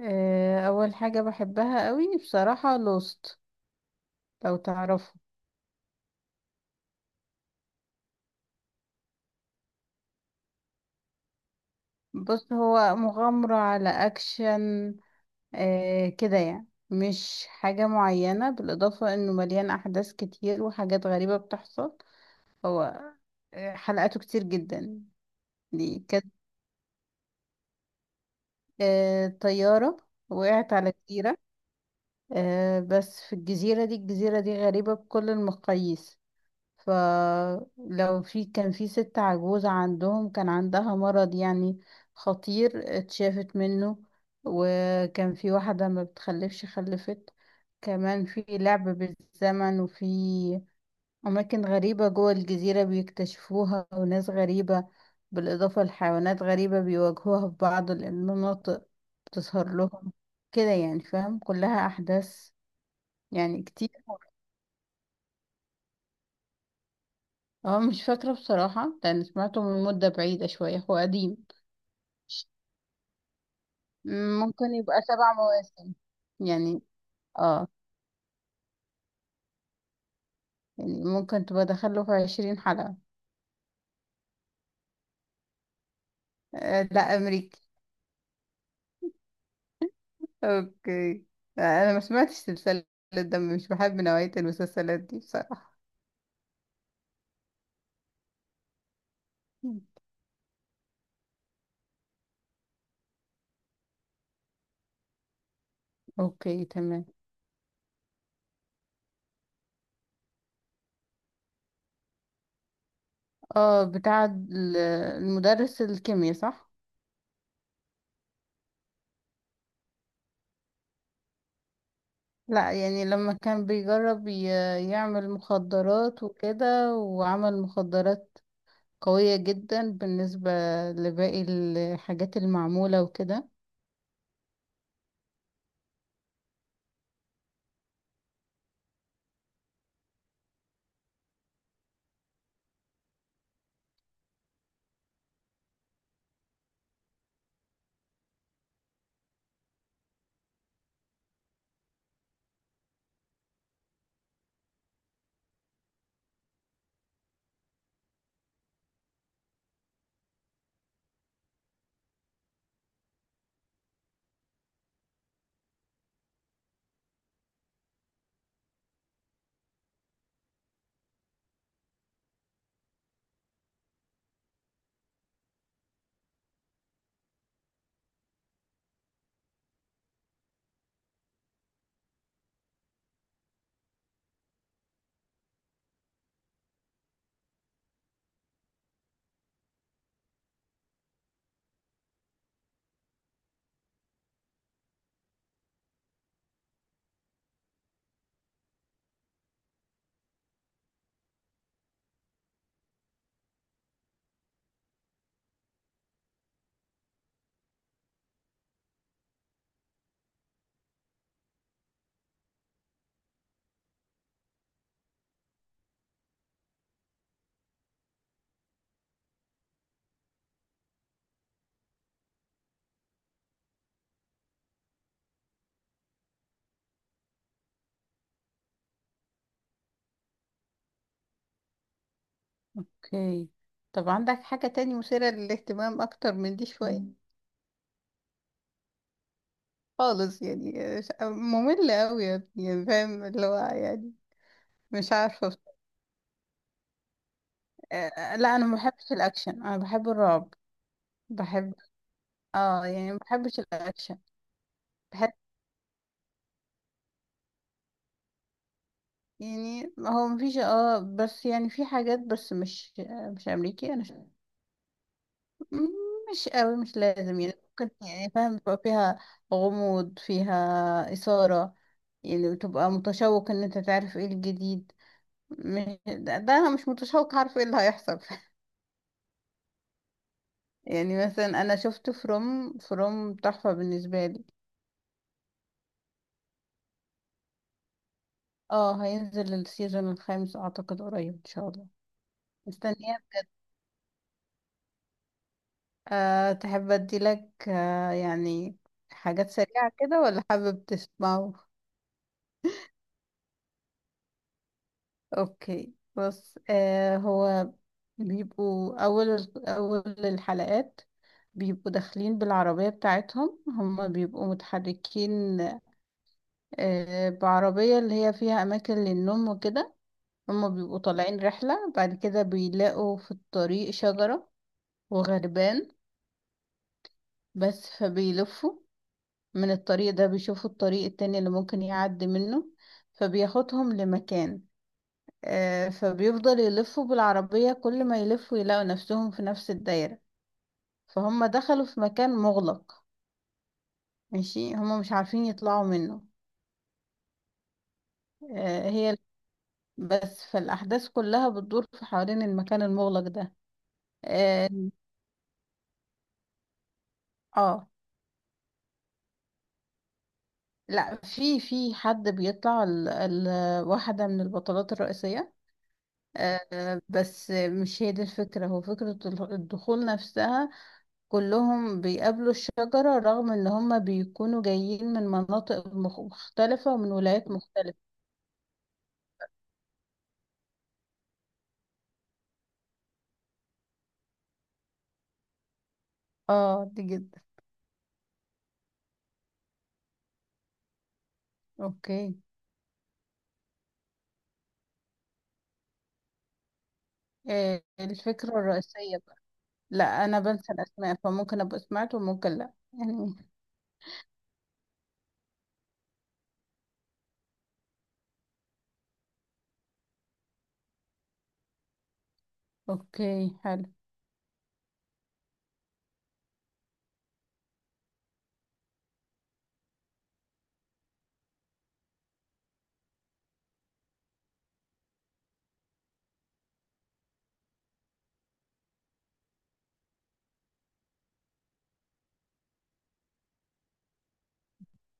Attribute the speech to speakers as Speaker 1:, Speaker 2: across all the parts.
Speaker 1: اول حاجة بحبها قوي بصراحة، لوست، لو تعرفه. بص، هو مغامرة على اكشن. كده يعني، مش حاجة معينة، بالاضافة انه مليان احداث كتير وحاجات غريبة بتحصل. هو، حلقاته كتير جدا. دي كانت طيارة وقعت على جزيرة. بس في الجزيرة دي غريبة بكل المقاييس. فلو كان في ست عجوزة عندهم، كان عندها مرض يعني خطير، اتشافت منه. وكان في واحدة ما بتخلفش، خلفت. كمان في لعب بالزمن، وفي أماكن غريبة جوه الجزيرة بيكتشفوها، وناس غريبة بالإضافة لحيوانات غريبة بيواجهوها في بعض المناطق بتظهر لهم. كده يعني، فاهم، كلها أحداث. يعني كتير، اه مش فاكرة بصراحة، لأن سمعته من مدة بعيدة شوية، هو قديم. ممكن يبقى 7 مواسم يعني. اه. يعني ممكن تبقى دخله في 20 حلقة. آه لا، أمريكي. اوكي. آه، أنا ما سمعتش سلسلة، ده مش بحب نوعية المسلسلات دي بصراحة. اوكي، تمام. اه، بتاع المدرس الكيمياء، صح؟ لا، يعني لما كان بيجرب يعمل مخدرات وكده، وعمل مخدرات قوية جدا بالنسبة لباقي الحاجات المعمولة وكده. اوكي. طب عندك حاجة تاني مثيرة للاهتمام أكتر من دي شوية؟ مم. خالص يعني. مملة أوي يا ابني، يعني فاهم اللي هو يعني، مش عارفة. لا أنا ما بحبش الأكشن، أنا بحب الرعب. بحب. اه يعني، ما بحبش الأكشن. بحب، يعني هو مفيش اه، بس يعني في حاجات، بس مش مش أمريكي أنا. مم، مش قوي، مش لازم يعني، ممكن يعني فاهم، تبقى فيها غموض، فيها إثارة، يعني تبقى متشوق ان انت تعرف ايه الجديد. مش ده، ده انا مش متشوق عارف ايه اللي هيحصل. يعني مثلا انا شفت فروم، تحفة بالنسبة لي. اه، هينزل السيزون الخامس اعتقد قريب ان شاء الله. مستنياك. أه، تحب ادي لك يعني حاجات سريعة كده، ولا حابب تسمعه؟ اوكي، بص. آه، هو بيبقوا اول اول الحلقات، بيبقوا داخلين بالعربية بتاعتهم، هما بيبقوا متحركين. بعربية اللي هي فيها اماكن للنوم وكده. هما بيبقوا طالعين رحلة، بعد كده بيلاقوا في الطريق شجرة وغربان بس. فبيلفوا من الطريق ده، بيشوفوا الطريق التاني اللي ممكن يعدي منه، فبياخدهم لمكان. فبيفضل يلفوا بالعربية كل ما يلفوا يلاقوا نفسهم في نفس الدايرة. فهم دخلوا في مكان مغلق، ماشي، هم مش عارفين يطلعوا منه. هي بس. فالأحداث كلها بتدور في حوالين المكان المغلق ده. اه. آه. لا، في في حد بيطلع، ال واحدة من البطلات الرئيسية. بس مش هي دي الفكرة، هو فكرة الدخول نفسها. كلهم بيقابلوا الشجرة، رغم ان هم بيكونوا جايين من مناطق مختلفة، ومن ولايات مختلفة. اه دي جدا. اوكي. الفكرة الرئيسية بقى. لا، انا بنسى الاسماء، فممكن ابقى سمعت وممكن لا، يعني. اوكي، حلو.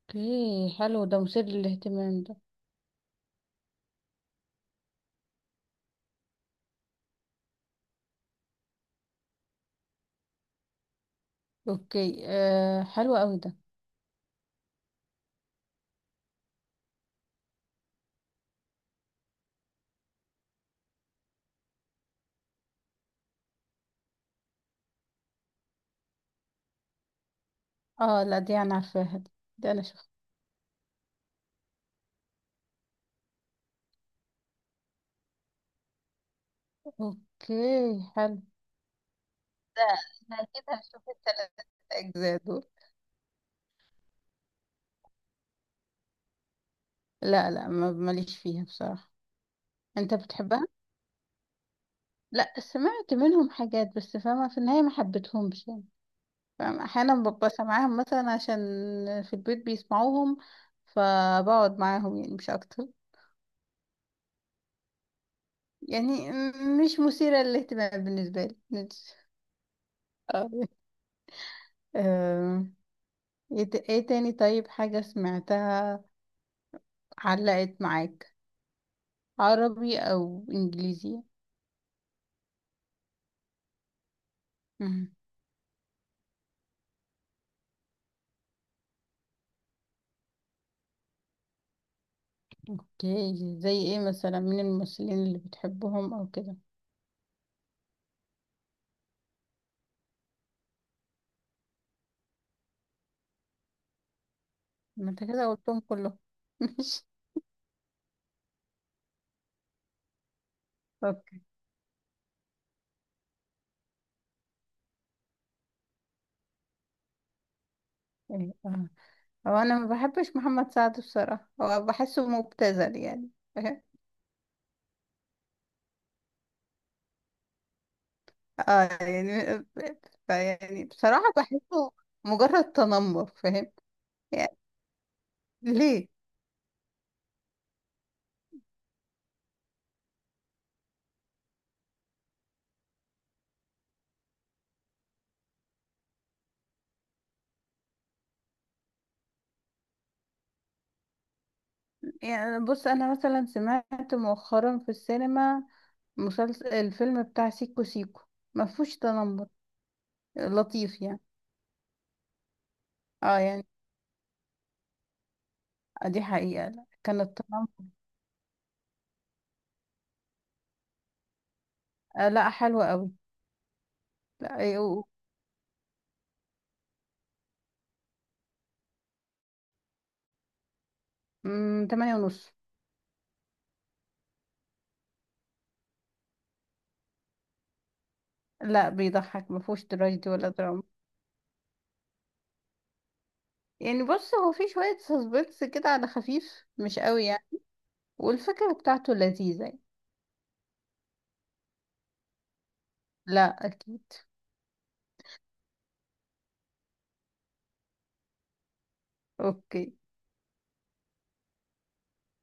Speaker 1: اوكي، حلو ده، مثير للاهتمام ده. اوكي، حلو قوي ده. اه لا، دي انا عارفاها دي. ده انا شفتها. اوكي، حلو ده. انا اكيد هشوف الثلاث اجزاء دول. لا، ماليش فيها بصراحة. انت بتحبها؟ لا سمعت منهم حاجات، بس فاهمة في النهاية ما حبيتهمش يعني. فاهمة، احيانا ببقى سامعاهم مثلا عشان في البيت بيسمعوهم، فبقعد معاهم يعني، مش اكتر. يعني مش مثيرة للاهتمام بالنسبة لي، مش- اه. آم، ايه إيه تاني؟ طيب حاجة سمعتها علقت معاك، عربي او انجليزي؟ مم. اوكي، زي ايه مثلا من الممثلين اللي بتحبهم او كده؟ ما انت كده قلتهم كلهم. ماشي. إيه، اه، هو انا ما بحبش محمد سعد بصراحة، هو بحسه مبتذل يعني. اه يعني يعني بصراحة بحسه مجرد تنمر، فاهم يعني، ليه. يعني بص، انا مثلا سمعت مؤخرا في السينما مسلسل الفيلم بتاع سيكو سيكو، ما فيهوش تنمر، لطيف يعني. اه يعني، دي حقيقة، لا كان التنمر. آه لا، حلو قوي. لا إيه، مم، 8.5. لا بيضحك، ما فيهوش تراجيدي ولا دراما. يعني بص، هو في شوية سسبنس كده على خفيف، مش قوي يعني. والفكرة بتاعته لذيذة يعني. لا أكيد. أوكي.